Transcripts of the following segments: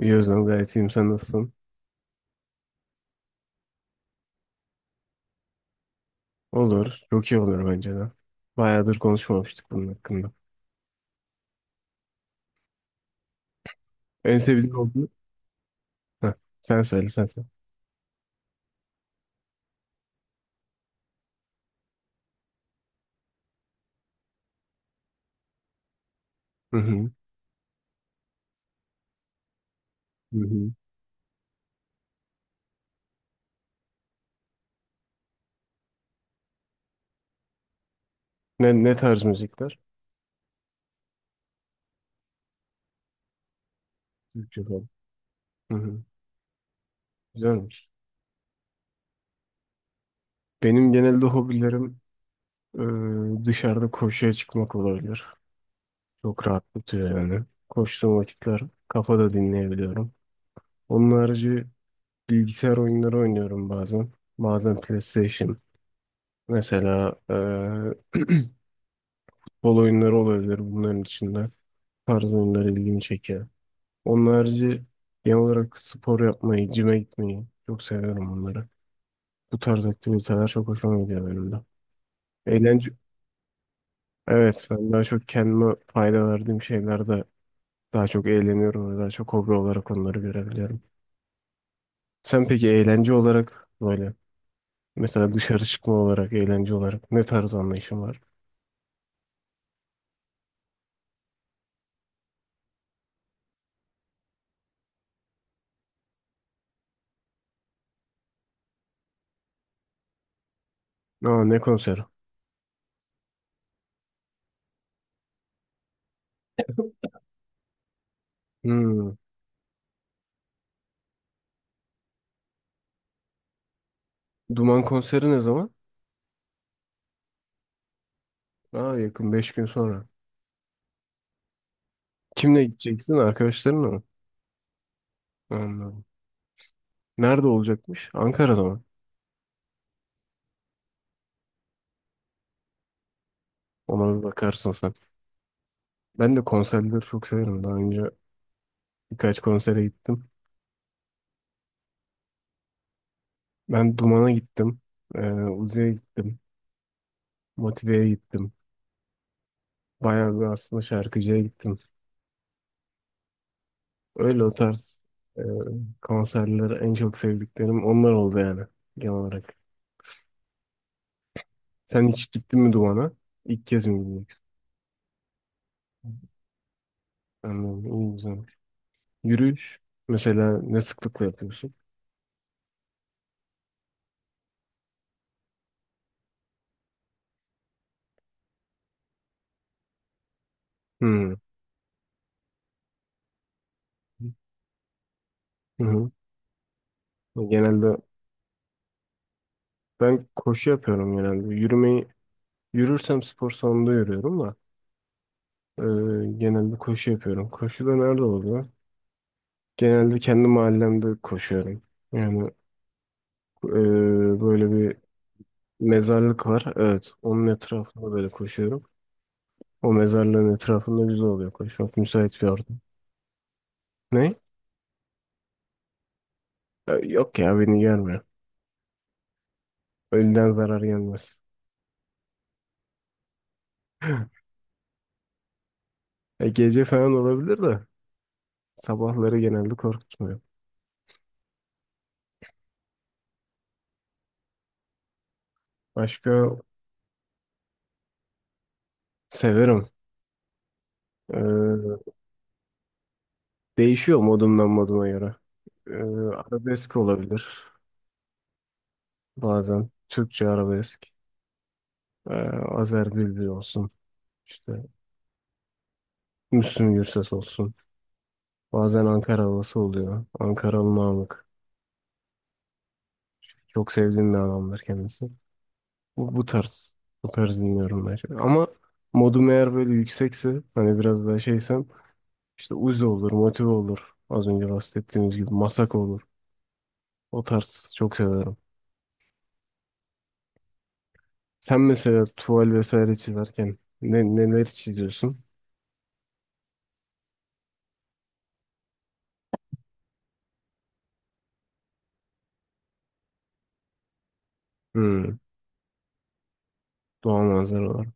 İyi Özlem, gayet iyiyim. Sen nasılsın? Olur. Çok iyi olur bence de. Bayağıdır konuşmamıştık bunun hakkında. En evet, sevdiğin oldu? Heh, sen söyle sen söyle. Hı hı. Hı hı. Ne tarz müzikler? Türkçe falan. Hı hı. Güzelmiş. Benim genelde hobilerim dışarıda koşuya çıkmak olabilir. Çok rahatlatıyor yani. Koştuğum vakitler kafada dinleyebiliyorum. Onun harici bilgisayar oyunları oynuyorum bazen. Bazen PlayStation. Mesela e, futbol oyunları olabilir bunların içinde. Tarz oyunlar ilgimi çekiyor. Onun harici genel olarak spor yapmayı, cime gitmeyi çok seviyorum onları. Bu tarz aktiviteler çok hoşuma gidiyor benim de. Eğlence, evet, ben daha çok kendime fayda verdiğim şeylerde daha çok eğleniyorum ve daha çok hobi olarak onları görebiliyorum. Sen peki eğlence olarak böyle mesela dışarı çıkma olarak, eğlence olarak ne tarz anlayışın var? Aa, ne konseri? Hmm. Duman konseri ne zaman? Aa, yakın, 5 gün sonra. Kimle gideceksin? Arkadaşlarınla mı? Anladım. Nerede olacakmış? Ankara'da mı? Ona bir bakarsın sen. Ben de konserleri çok severim. Daha önce birkaç konsere gittim. Ben Duman'a gittim. Uzi'ye gittim. Motive'ye gittim. Bayağı bir aslında şarkıcıya gittim. Öyle o tarz e, konserleri en çok sevdiklerim onlar oldu yani genel olarak. Sen hiç gittin mi Duman'a? İlk kez mi gidiyorsun? Anladım, İyi güzel. Yürüyüş mesela ne sıklıkla yapıyorsun? Hmm. Hı hı. Genelde ben koşu yapıyorum genelde. Yürümeyi, yürürsem spor salonunda yürüyorum da e, genelde koşu yapıyorum. Koşu da nerede oluyor? Genelde kendi mahallemde koşuyorum. Yani e, böyle bir mezarlık var. Evet, onun etrafında böyle koşuyorum. O mezarlığın etrafında güzel oluyor koşmak. Müsait bir ortam. Ne? Yok ya, beni gelmiyor. Ölüden zarar gelmez. Gece falan olabilir de sabahları genelde korkutmuyor. Başka severim. Değişiyor modumdan moduma göre. Arabesk olabilir bazen. Türkçe arabesk. Ee, Azer Bülbül olsun. İşte Müslüm Gürses olsun. Bazen Ankara havası oluyor. Ankaralı Namık. Çok sevdiğim bir adamdır kendisi. Bu tarz. Bu tarz dinliyorum ben şimdi. Ama modum eğer böyle yüksekse, hani biraz daha şeysem, işte Uzi olur, Motive olur. Az önce bahsettiğimiz gibi Masako olur. O tarz çok severim. Sen mesela tuval vesaire çizerken neler çiziyorsun? Hmm, doğa manzara olarak.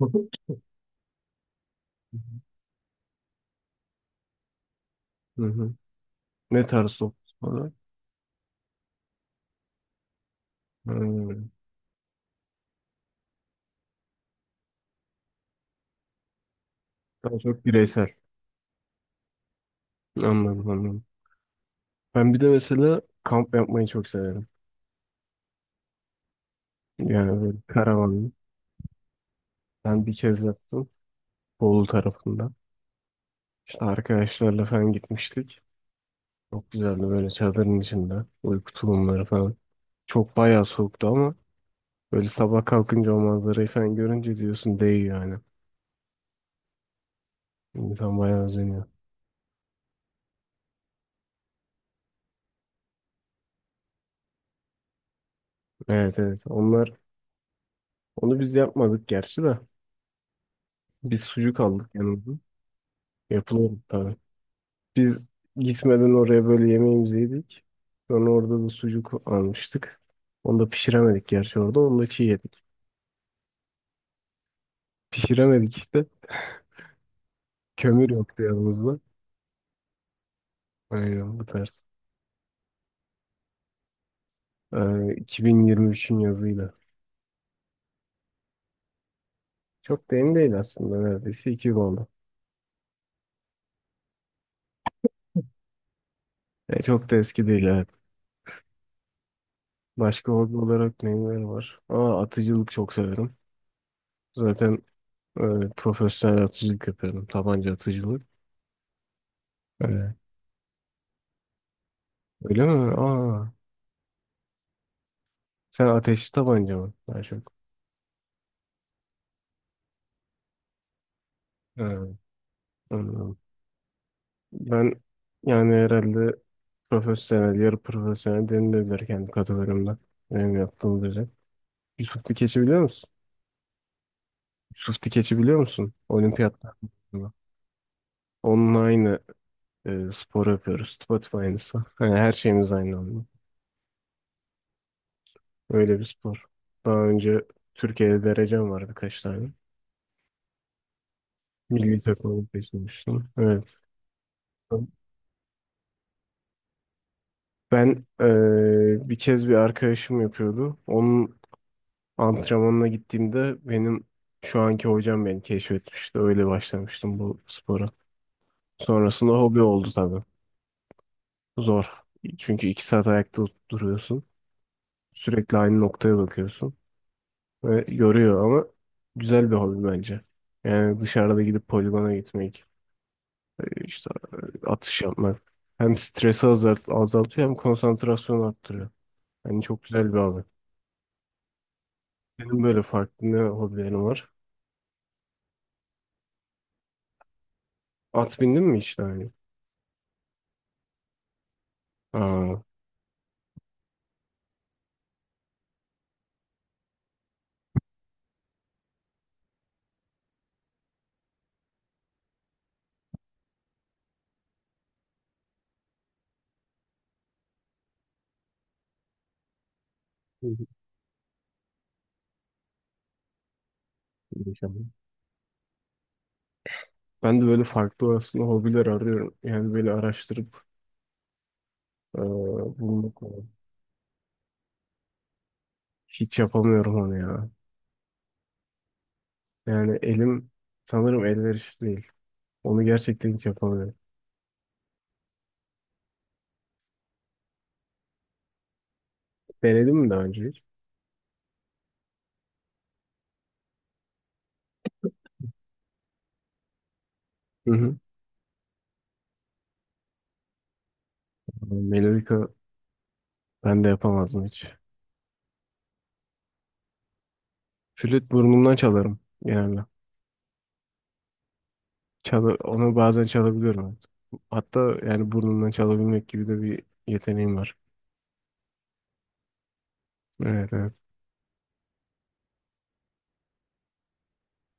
Hı hı. Ne tarz top olarak? Hmm. Daha çok bireysel. Anladım, anladım. Ben bir de mesela kamp yapmayı çok severim. Yani böyle karavanlı. Ben bir kez yaptım. Bolu tarafında. İşte arkadaşlarla falan gitmiştik. Çok güzeldi, böyle çadırın içinde. Uyku tulumları falan. Çok bayağı soğuktu ama böyle sabah kalkınca o manzarayı falan görünce diyorsun, değiyor yani. İnsan bayağı özeniyor. Evet, evet. Onlar, onu biz yapmadık gerçi de. Biz sucuk aldık yanımıza. Yapılıyor tabii. Biz gitmeden oraya böyle yemeğimizi yedik. Sonra orada da sucuk almıştık. Onu da pişiremedik gerçi orada. Onu da çiğ yedik. Pişiremedik işte. Kömür yoktu yanımızda. Aynen bu tarz. Ee, 2023'ün yazıyla. Çok da yeni değil aslında, neredeyse 2 yıl oldu. E, çok da eski değil, evet. Başka hobi olarak neler var? Aa, atıcılık çok severim. Zaten öyle profesyonel atıcılık yapıyorum. Tabanca atıcılık. Öyle. Öyle mi? Aa, sen ateşli tabanca mı? Daha çok. Ha, anladım. Ben yani herhalde profesyonel, yarı profesyonel denilebilir kendi kategorimde. Benim yaptığım düzey. Yusuf Dikeç'i biliyor musun? Yusuf Dikeç'i biliyor musun? Olimpiyatlar. Onunla aynı spor yapıyoruz. Tıpatıp aynısı. Yani her şeyimiz aynı anda. Öyle bir spor. Daha önce Türkiye'de derecem var, birkaç tane. Milli takımı seçilmiştim. Evet. Ben bir kez bir arkadaşım yapıyordu. Onun antrenmanına gittiğimde benim şu anki hocam beni keşfetmişti. Öyle başlamıştım bu spora. Sonrasında hobi oldu tabii. Zor. Çünkü 2 saat ayakta duruyorsun. Sürekli aynı noktaya bakıyorsun. Ve yoruyor, ama güzel bir hobi bence. Yani dışarıda gidip poligona gitmek, işte atış yapmak. Hem stresi azaltıyor hem konsantrasyonu arttırıyor. Yani çok güzel bir abi. Benim böyle farklı ne hobilerim var? At bindin mi hiç daha önce? Aa, hı hı. Mükemmel. Ben de böyle farklı aslında hobiler arıyorum. Yani böyle araştırıp eee, bulmak lazım. Hiç yapamıyorum onu ya. Yani elim sanırım elverişli değil. Onu gerçekten hiç yapamıyorum. Denedin mi daha önce hiç? Hı hı. Melodika ben de yapamazdım hiç. Flüt burnumdan çalarım yani. Onu bazen çalabiliyorum. Hatta yani burnumdan çalabilmek gibi de bir yeteneğim var. Evet, evet.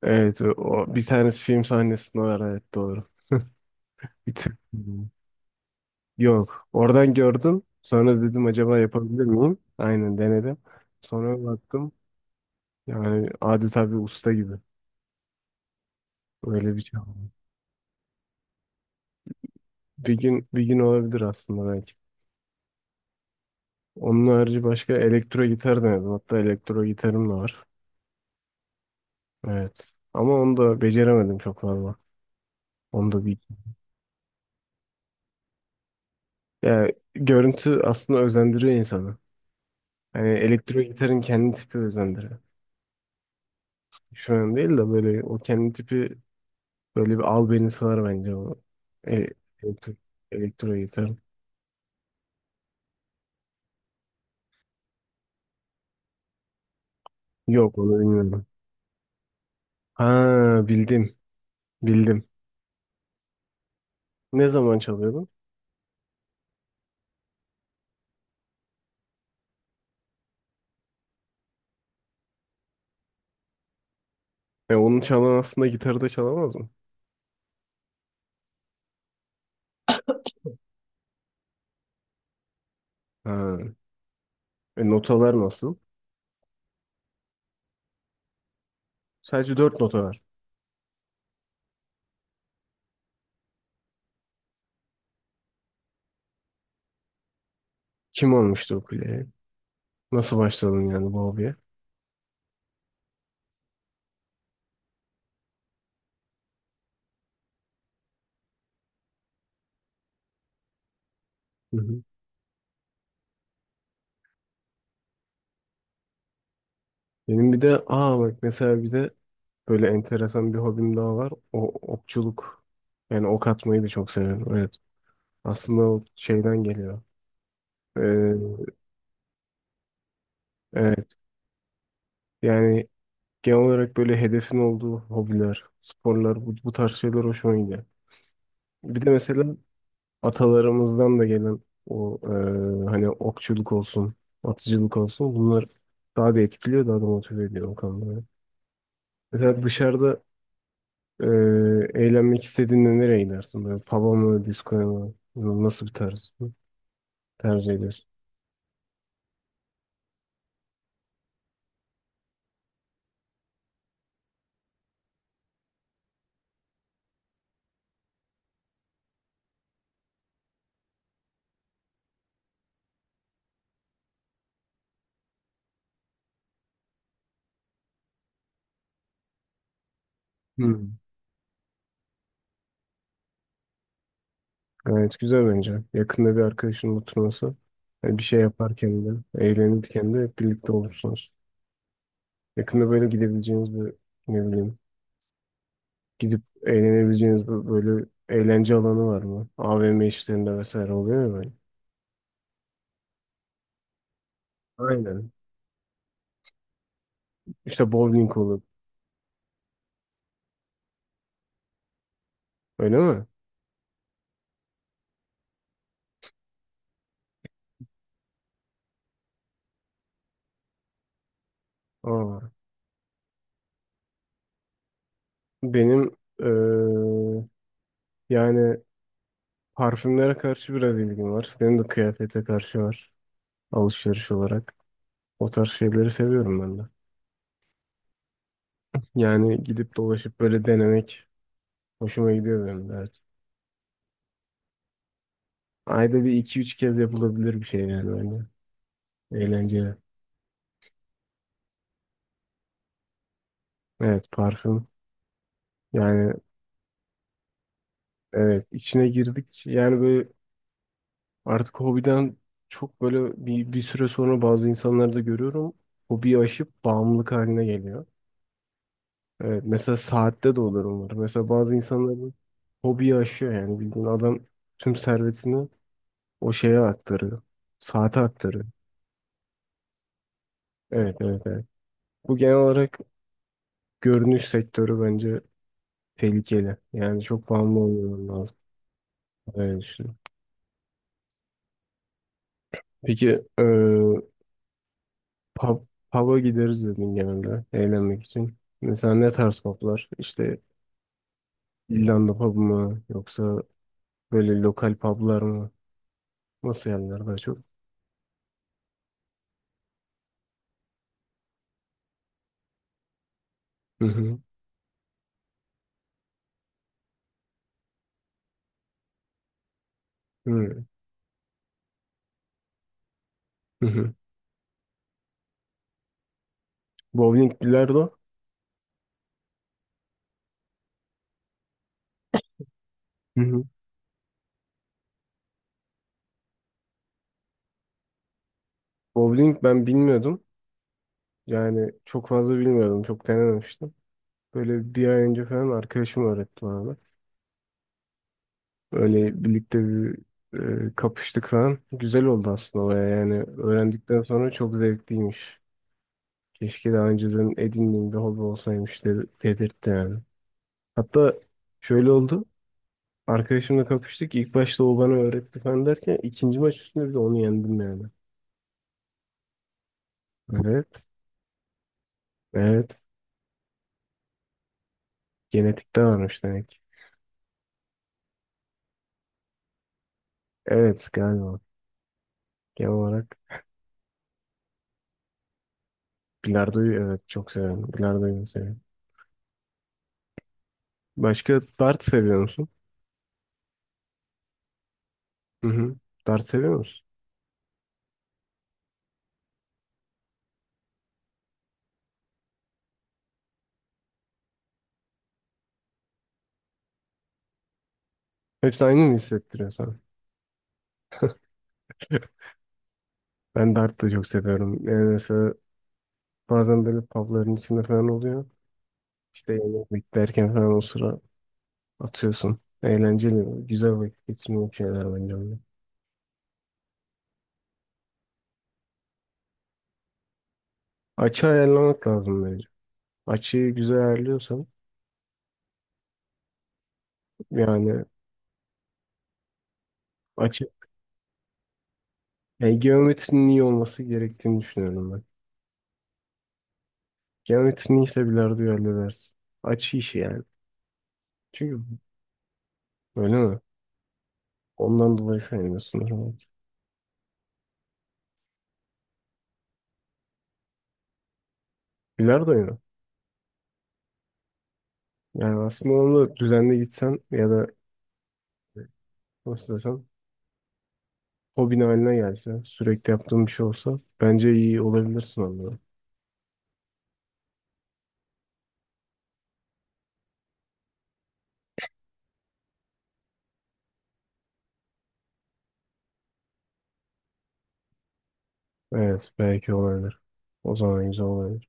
Evet, o bir tanesi film sahnesinde var, evet, doğru. Bir Türk filmi. Yok. Oradan gördüm. Sonra dedim acaba yapabilir miyim? Aynen, denedim. Sonra baktım. Yani adeta bir usta gibi. Öyle bir şey. Bir gün, bir gün olabilir aslında, belki. Onun harici başka elektro gitar denedim. Hatta elektro gitarım da var. Evet. Ama onu da beceremedim çok fazla. Onu da bir, yani görüntü aslında özendiriyor insanı. Yani elektro gitarın kendi tipi özendiriyor. Şu an değil de böyle o kendi tipi, böyle bir albenisi var bence o. E, elektro, elektro gitar. Yok, onu bilmiyorum. Ha, bildim. Bildim. Ne zaman çalıyordun? E, onu çalan aslında gitarı da çalamaz mı? Ha. E, notalar nasıl? Sadece dört nota var. Kim olmuştu ukulele? Nasıl başladın yani bu hobiye? Hı hı. Benim bir de, aa bak, mesela bir de böyle enteresan bir hobim daha var. O okçuluk. Yani ok atmayı da çok seviyorum. Evet. Aslında o şeyden geliyor. Ee, evet. Yani genel olarak böyle hedefin olduğu hobiler, sporlar, bu tarz şeyler hoşuma gidiyor. Bir de mesela atalarımızdan da gelen o hani okçuluk olsun, atıcılık olsun, bunlar daha da etkiliyor, daha da motive ediyor o konuda. Mesela dışarıda e, eğlenmek istediğinde nereye gidersin? Böyle pub'a mı, diskoya mı? Nasıl bir tarz tercih edersin? Hmm. Gayet güzel bence. Yakında bir arkadaşının oturması. Hani bir şey yaparken de eğlenirken de hep birlikte olursunuz. Yakında böyle gidebileceğiniz bir, ne bileyim, gidip eğlenebileceğiniz bir, böyle eğlence alanı var mı? AVM işlerinde vesaire oluyor ya böyle. Aynen. İşte bowling olur. Öyle mi? Aa, benim yani parfümlere karşı biraz ilgim var. Benim de kıyafete karşı var. Alışveriş olarak. O tarz şeyleri seviyorum ben de. Yani gidip dolaşıp böyle denemek hoşuma gidiyor benim de, evet. Ayda bir, iki, üç kez yapılabilir bir şey yani bence. Eğlenceli. Evet, parfüm. Yani evet, içine girdik. Yani böyle artık hobiden çok, böyle bir, bir süre sonra, bazı insanları da görüyorum. Hobiyi aşıp bağımlılık haline geliyor. Evet, mesela saatte de olur umarım. Mesela bazı insanların hobiyi aşıyor yani, bildiğin adam tüm servetini o şeye aktarıyor. Saate aktarıyor. Evet, evet, evet. Bu genel olarak görünüş sektörü bence tehlikeli. Yani çok bağımlı olmaman lazım. Öyle düşünüyorum. Peki eee pub, pub'a gideriz dedin genelde eğlenmek için. Mesela ne tarz pub'lar? İşte İrlanda pub mı? Yoksa böyle lokal pub'lar mı? Nasıl yerler daha çok? Hı hı. Hı hı. Bowling, bilardo. Hı hı. Bowling ben bilmiyordum. Yani çok fazla bilmiyordum. Çok denememiştim. Böyle bir ay önce falan arkadaşım öğretti bana. Böyle birlikte bir, kapıştık falan. Güzel oldu aslında baya yani. Öğrendikten sonra çok zevkliymiş. Keşke daha önceden edindiğim bir hobi olsaymış de- dedirtti yani. Hatta şöyle oldu. Arkadaşımla kapıştık. İlk başta o bana öğretti falan derken ikinci maç üstünde bir de onu yendim yani. Evet. Evet. Genetikte varmış demek ki. Evet, galiba. Genel olarak bilardoyu evet çok seviyorum. Bilardoyu seviyorum. Başka, dart seviyor musun? Hı hı. Dart seviyor musun? Hepsi aynı mı hissettiriyor sana? Ben dart da çok seviyorum. Yani mesela bazen böyle pubların içinde falan oluyor. İşte yemek beklerken falan o sıra atıyorsun. Eğlenceli, güzel vakit geçirmek şeyler bence onlar. Açı ayarlamak lazım bence. Açıyı güzel ayarlıyorsan yani, açı, yani geometrinin iyi olması gerektiğini düşünüyorum ben. Geometrinin iyiyse bilardoyu halledersin. Açı işi yani. Çünkü, öyle mi? Ondan dolayı sevmiyorsun. Bilardoyu mu? Yani aslında onu düzenli gitsen ya da, nasıl desem, hobin haline gelse, sürekli yaptığın bir şey olsa bence iyi olabilirsin onda. Evet, belki olabilir. O zaman güzel olabilir.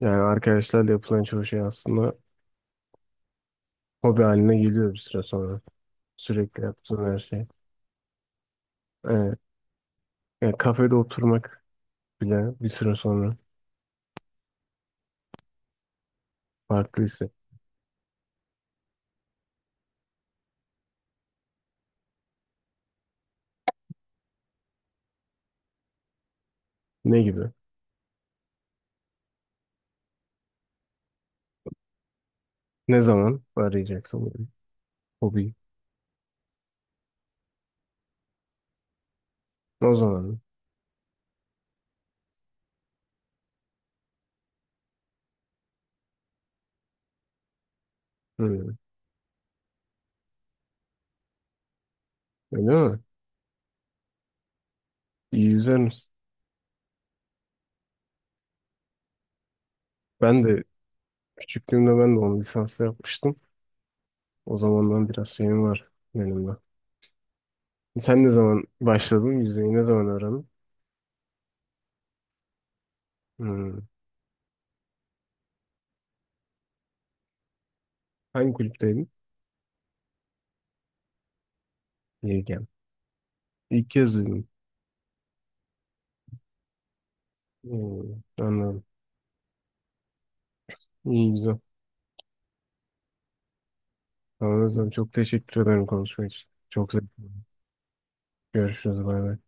Yani arkadaşlarla yapılan çoğu şey aslında hobi haline geliyor bir süre sonra. Sürekli yaptığın her şey. Evet. Yani kafede oturmak bile bir süre sonra farklı hisset. Ne gibi? Ne zaman arayacaksın bunu? Hobi? O zaman. Hı. Öyle mi? İyi yüzer misin? Ben de küçüklüğümde ben de onu lisansla yapmıştım. O zamandan biraz şeyim var benimle. Sen ne zaman başladın? Yüzmeyi ne zaman öğrendin? Hmm. Hangi kulüpteydin? Yelken. İlk kez duydum. Hmm. Anladım. İyi, güzel. Tamam, o zaman çok teşekkür ederim konuşma için. Çok zevkli. Görüşürüz. Bay bay.